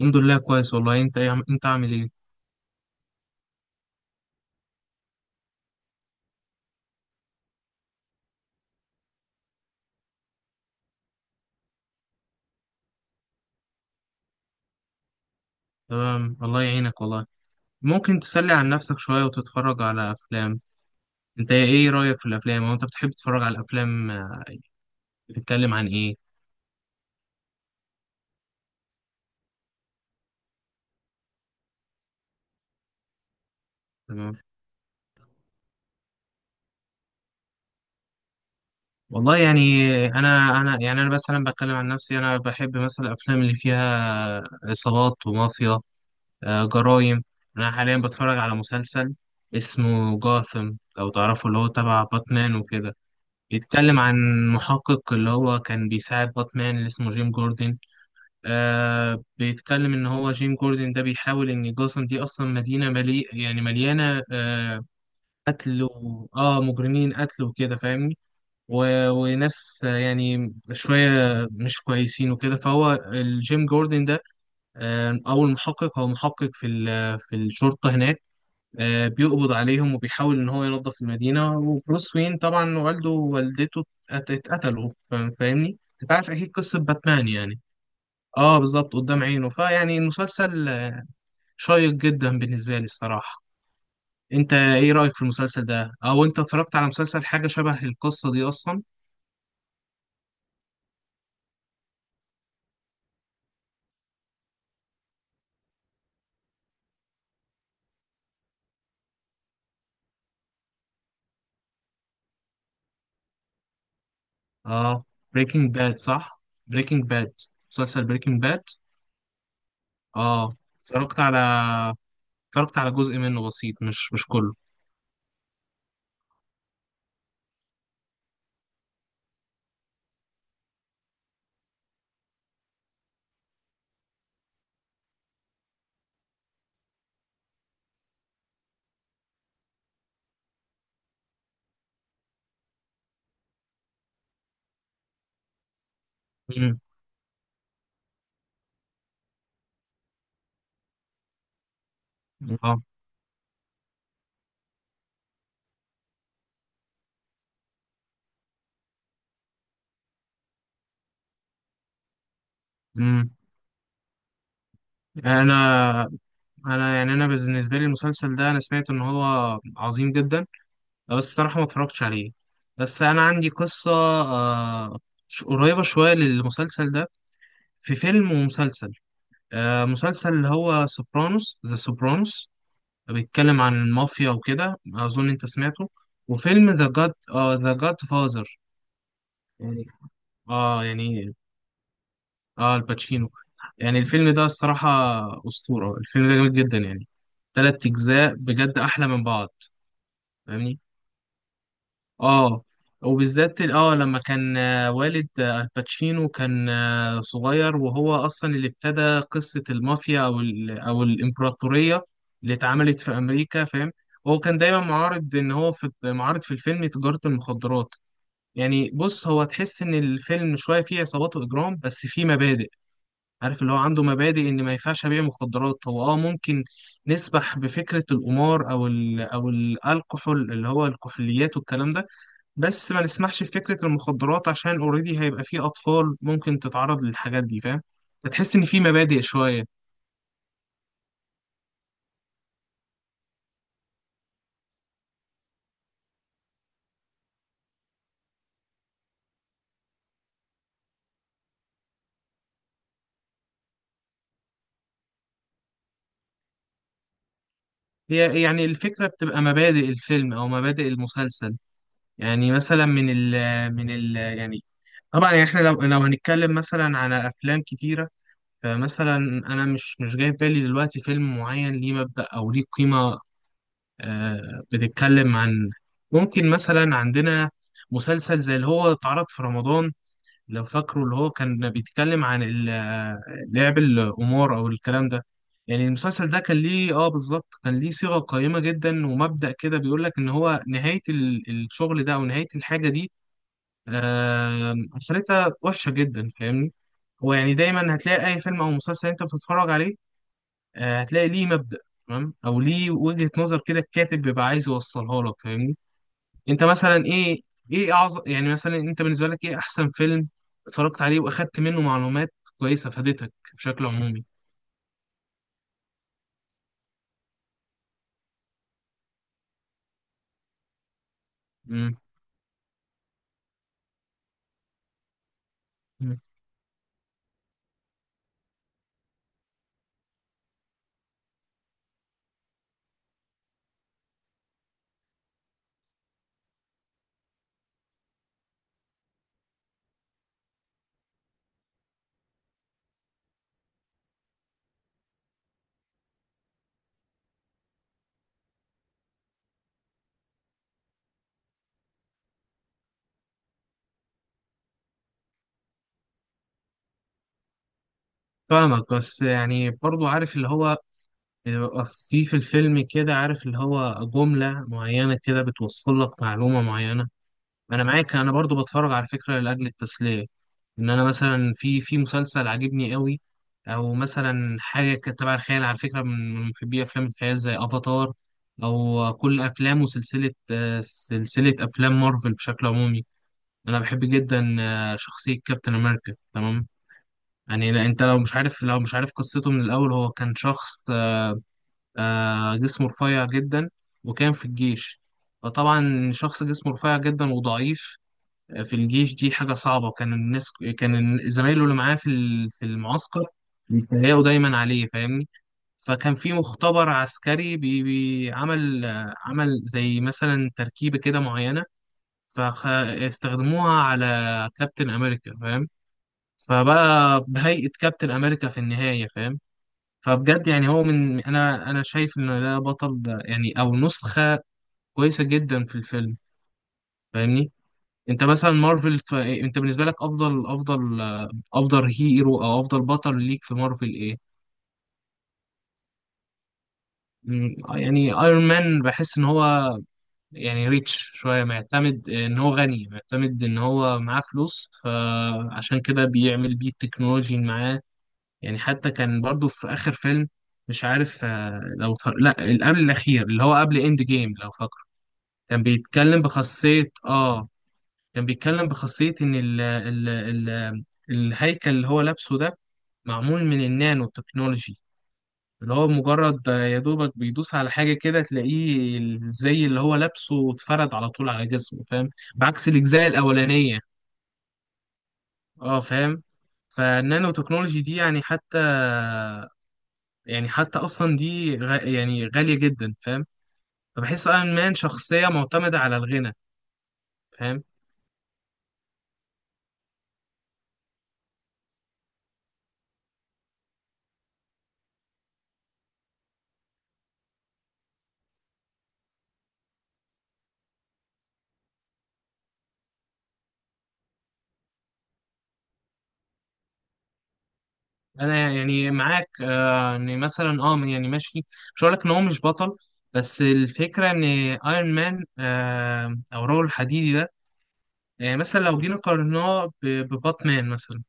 الحمد لله كويس والله. انت ايه انت عامل ايه؟ تمام، الله يعينك والله. ممكن تسلي عن نفسك شوية وتتفرج على افلام. انت ايه رأيك في الافلام، او انت بتحب تتفرج على الافلام؟ آه، بتتكلم عن ايه؟ تمام. والله يعني انا يعني انا مثلا بتكلم عن نفسي، انا بحب مثلا الافلام اللي فيها عصابات ومافيا. آه، جرايم. انا حاليا بتفرج على مسلسل اسمه جاثم، لو تعرفه، اللي هو تبع باتمان وكده. بيتكلم عن محقق اللي هو كان بيساعد باتمان، اللي اسمه جيم جوردن. آه، بيتكلم ان هو جيم جوردن ده بيحاول ان جاثام دي اصلا مدينه ملي يعني مليانه آه قتل و... اه مجرمين، قتل وكده، فاهمني؟ و... وناس آه، يعني شويه مش كويسين وكده. فهو الجيم جوردن ده آه، او المحقق، هو محقق في في الشرطه هناك، آه، بيقبض عليهم وبيحاول ان هو ينظف المدينه. وبروس وين طبعا والده ووالدته اتقتلوا، فاهمني؟ انت عارف اكيد قصه باتمان يعني. اه بالظبط، قدام عينه. فيعني المسلسل آه، شيق جدا بالنسبة لي الصراحة. انت ايه رأيك في المسلسل ده، او انت اتفرجت على مسلسل حاجة شبه القصة دي اصلا؟ اه، بريكنج باد، صح. بريكنج باد، مسلسل بريكنج باد. اه، اتفرجت على جزء منه بسيط، مش كله. مم. اه. مم. انا انا يعني انا بالنسبة لي المسلسل ده، انا سمعت ان هو عظيم جدا، لا، بس الصراحة ما اتفرجتش عليه. بس أنا عندي قصة آه، قريبة شوية للمسلسل ده. في فيلم ومسلسل آه، مسلسل اللي هو سوبرانوس، ذا سوبرانوس، بيتكلم عن المافيا وكده، أظن أنت سمعته. وفيلم ذا جاد، ذا جاد فازر، يعني اه، يعني اه، الباتشينو. يعني الفيلم ده الصراحة أسطورة، الفيلم ده جميل جدا يعني. تلات أجزاء بجد أحلى من بعض، فاهمني؟ اه. وبالذات اه لما كان آه، والد آه، الباتشينو كان آه، صغير، وهو اصلا اللي ابتدى قصة المافيا او ال او الامبراطورية اللي اتعملت في امريكا، فاهم؟ هو كان دايما معارض، ان هو في معارض في الفيلم تجارة المخدرات. يعني بص، هو تحس ان الفيلم شوية فيه عصابات واجرام، بس فيه مبادئ. عارف اللي هو عنده مبادئ، ان ما ينفعش ابيع مخدرات. هو اه ممكن نسبح بفكرة القمار او ال او الالكحول اللي هو الكحوليات والكلام ده، بس ما نسمحش بفكرة المخدرات، عشان اوريدي هيبقى فيه أطفال ممكن تتعرض للحاجات دي، فاهم؟ فتحس إن في مبادئ شوية. هي يعني الفكرة بتبقى مبادئ الفيلم أو مبادئ المسلسل. يعني مثلا من ال يعني طبعا يعني احنا لو هنتكلم مثلا على أفلام كتيرة، فمثلا أنا مش جاي في بالي دلوقتي فيلم معين ليه مبدأ أو ليه قيمة. آه، بتتكلم عن ممكن مثلا عندنا مسلسل زي اللي هو اتعرض في رمضان، لو فاكره، اللي هو كان بيتكلم عن لعب الأمور أو الكلام ده. يعني المسلسل ده كان ليه اه بالظبط، كان ليه صيغة قيمة جدا ومبدأ كده، بيقول لك إن هو نهاية الشغل ده أو نهاية الحاجة دي آه، آخرتها وحشة جدا، فاهمني؟ هو يعني دايما هتلاقي أي فيلم أو مسلسل أنت بتتفرج عليه آه، هتلاقي ليه مبدأ، تمام، أو ليه وجهة نظر كده الكاتب بيبقى عايز يوصلها لك، فاهمني؟ انت مثلا ايه، ايه اعظم، يعني مثلا انت بالنسبه لك ايه احسن فيلم اتفرجت عليه واخدت منه معلومات كويسه فادتك بشكل عمومي؟ امم. فاهمك، بس يعني برضو عارف اللي هو بيبقى في في الفيلم كده، عارف اللي هو جمله معينه كده بتوصل لك معلومه معينه. انا معاك، انا برضو بتفرج على فكره لاجل التسليه. ان انا مثلا في في مسلسل عاجبني قوي، او مثلا حاجه كانت تبع الخيال، على فكره من من محبي افلام الخيال زي افاتار، او كل افلام وسلسله آه، سلسله افلام مارفل بشكل عمومي. انا بحب جدا آه، شخصيه كابتن امريكا، تمام؟ يعني لا، انت لو مش عارف، لو مش عارف قصته من الاول، هو كان شخص آه، جسمه رفيع جدا، وكان في الجيش. فطبعا شخص جسمه رفيع جدا وضعيف في الجيش دي حاجة صعبة. كان الناس، كان زمايله اللي معاه في في المعسكر بيتريقوا دايما عليه، فاهمني؟ فكان في مختبر عسكري بي عمل، عمل زي مثلا تركيبة كده معينة، فاستخدموها على كابتن أمريكا، فاهم؟ فبقى بهيئة كابتن أمريكا في النهاية، فاهم؟ فبجد يعني هو من، أنا شايف إن ده بطل، ده يعني أو نسخة كويسة جدا في الفيلم، فاهمني؟ انت مثلا مارفل إيه، انت بالنسبه لك افضل افضل هيرو او افضل بطل ليك في مارفل ايه؟ مم، يعني ايرون مان بحس ان هو يعني ريتش شويه، معتمد ان هو غني، معتمد ان هو معاه فلوس، فعشان كده بيعمل بيه التكنولوجي اللي معاه. يعني حتى كان برضو في اخر فيلم، مش عارف آه، لا اللي قبل الاخير اللي هو قبل اند جيم، لو فاكره، كان بيتكلم بخاصيه اه، كان بيتكلم بخاصية إن ال الهيكل اللي هو لابسه ده معمول من النانو تكنولوجي، اللي هو مجرد يا دوبك بيدوس على حاجة كده تلاقيه زي اللي هو لابسه اتفرد على طول على جسمه، فاهم؟ بعكس الأجزاء الأولانية. اه فاهم. فالنانو تكنولوجي دي يعني حتى، يعني حتى أصلا دي يعني غالية جدا، فاهم؟ فبحس أيرون مان شخصية معتمدة على الغنى، فاهم؟ انا يعني معاك آه، ان مثلا اه يعني ماشي، مش هقول لك ان هو مش بطل، بس الفكره ان ايرون مان آه، او رجل الحديدي ده، يعني مثلا لو جينا قارناه بباتمان مثلا،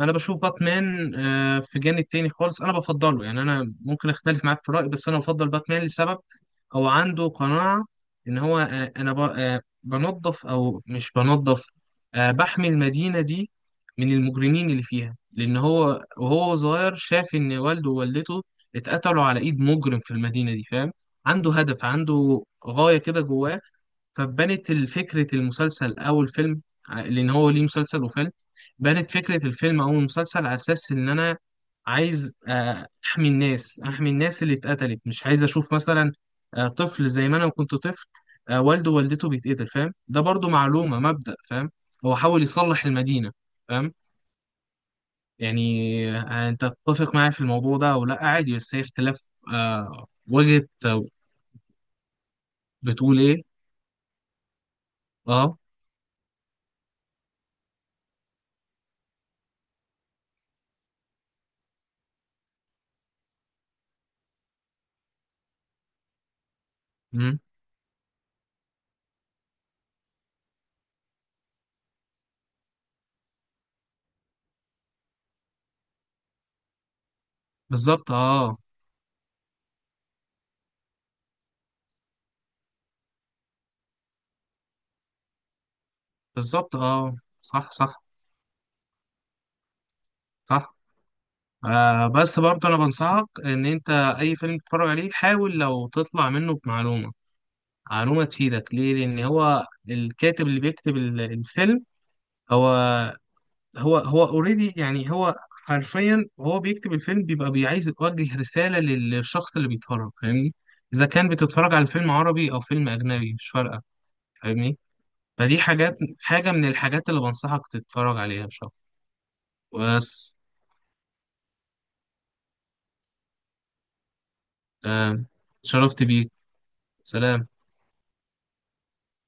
انا بشوف باتمان آه، في جانب تاني خالص، انا بفضله، يعني انا ممكن اختلف معاك في الرأي، بس انا بفضل باتمان لسبب. هو عنده قناعة ان هو آه، آه، بنظف او مش بنظف آه، بحمي المدينة دي من المجرمين اللي فيها، لان هو وهو صغير شاف ان والده ووالدته اتقتلوا على ايد مجرم في المدينة دي، فاهم؟ عنده هدف، عنده غاية كده جواه. فبنت فكرة المسلسل أو الفيلم، لأن هو ليه مسلسل وفيلم، بنت فكرة الفيلم أو المسلسل على أساس إن أنا عايز آه، أحمي الناس، أحمي الناس اللي اتقتلت، مش عايز أشوف مثلا آه، طفل زي ما أنا كنت طفل آه، والده ووالدته بيتقتل، فاهم؟ ده برضو معلومة، مبدأ، فاهم؟ هو حاول يصلح المدينة، فاهم؟ يعني آه، أنت تتفق معايا في الموضوع ده أو لأ، عادي، بس هي اختلاف آه، وجهة آه، بتقول إيه؟ أه. مم، بالظبط أه. بالظبط اه. صح، صح. صح. آه بس برضه انا بنصحك، ان انت اي فيلم تتفرج عليه حاول لو تطلع منه بمعلومه، معلومه تفيدك، ليه؟ لان هو الكاتب اللي بيكتب الفيلم، هو هو اوريدي يعني، هو حرفيا وهو بيكتب الفيلم بيبقى بيعايز يوجه رساله للشخص اللي بيتفرج، فاهمني؟ اذا كان بتتفرج على فيلم عربي او فيلم اجنبي مش فارقه، فاهمني؟ فدي حاجات، حاجه من الحاجات اللي بنصحك تتفرج عليها ان شاء الله. بس تمام، شرفت بيك، سلام.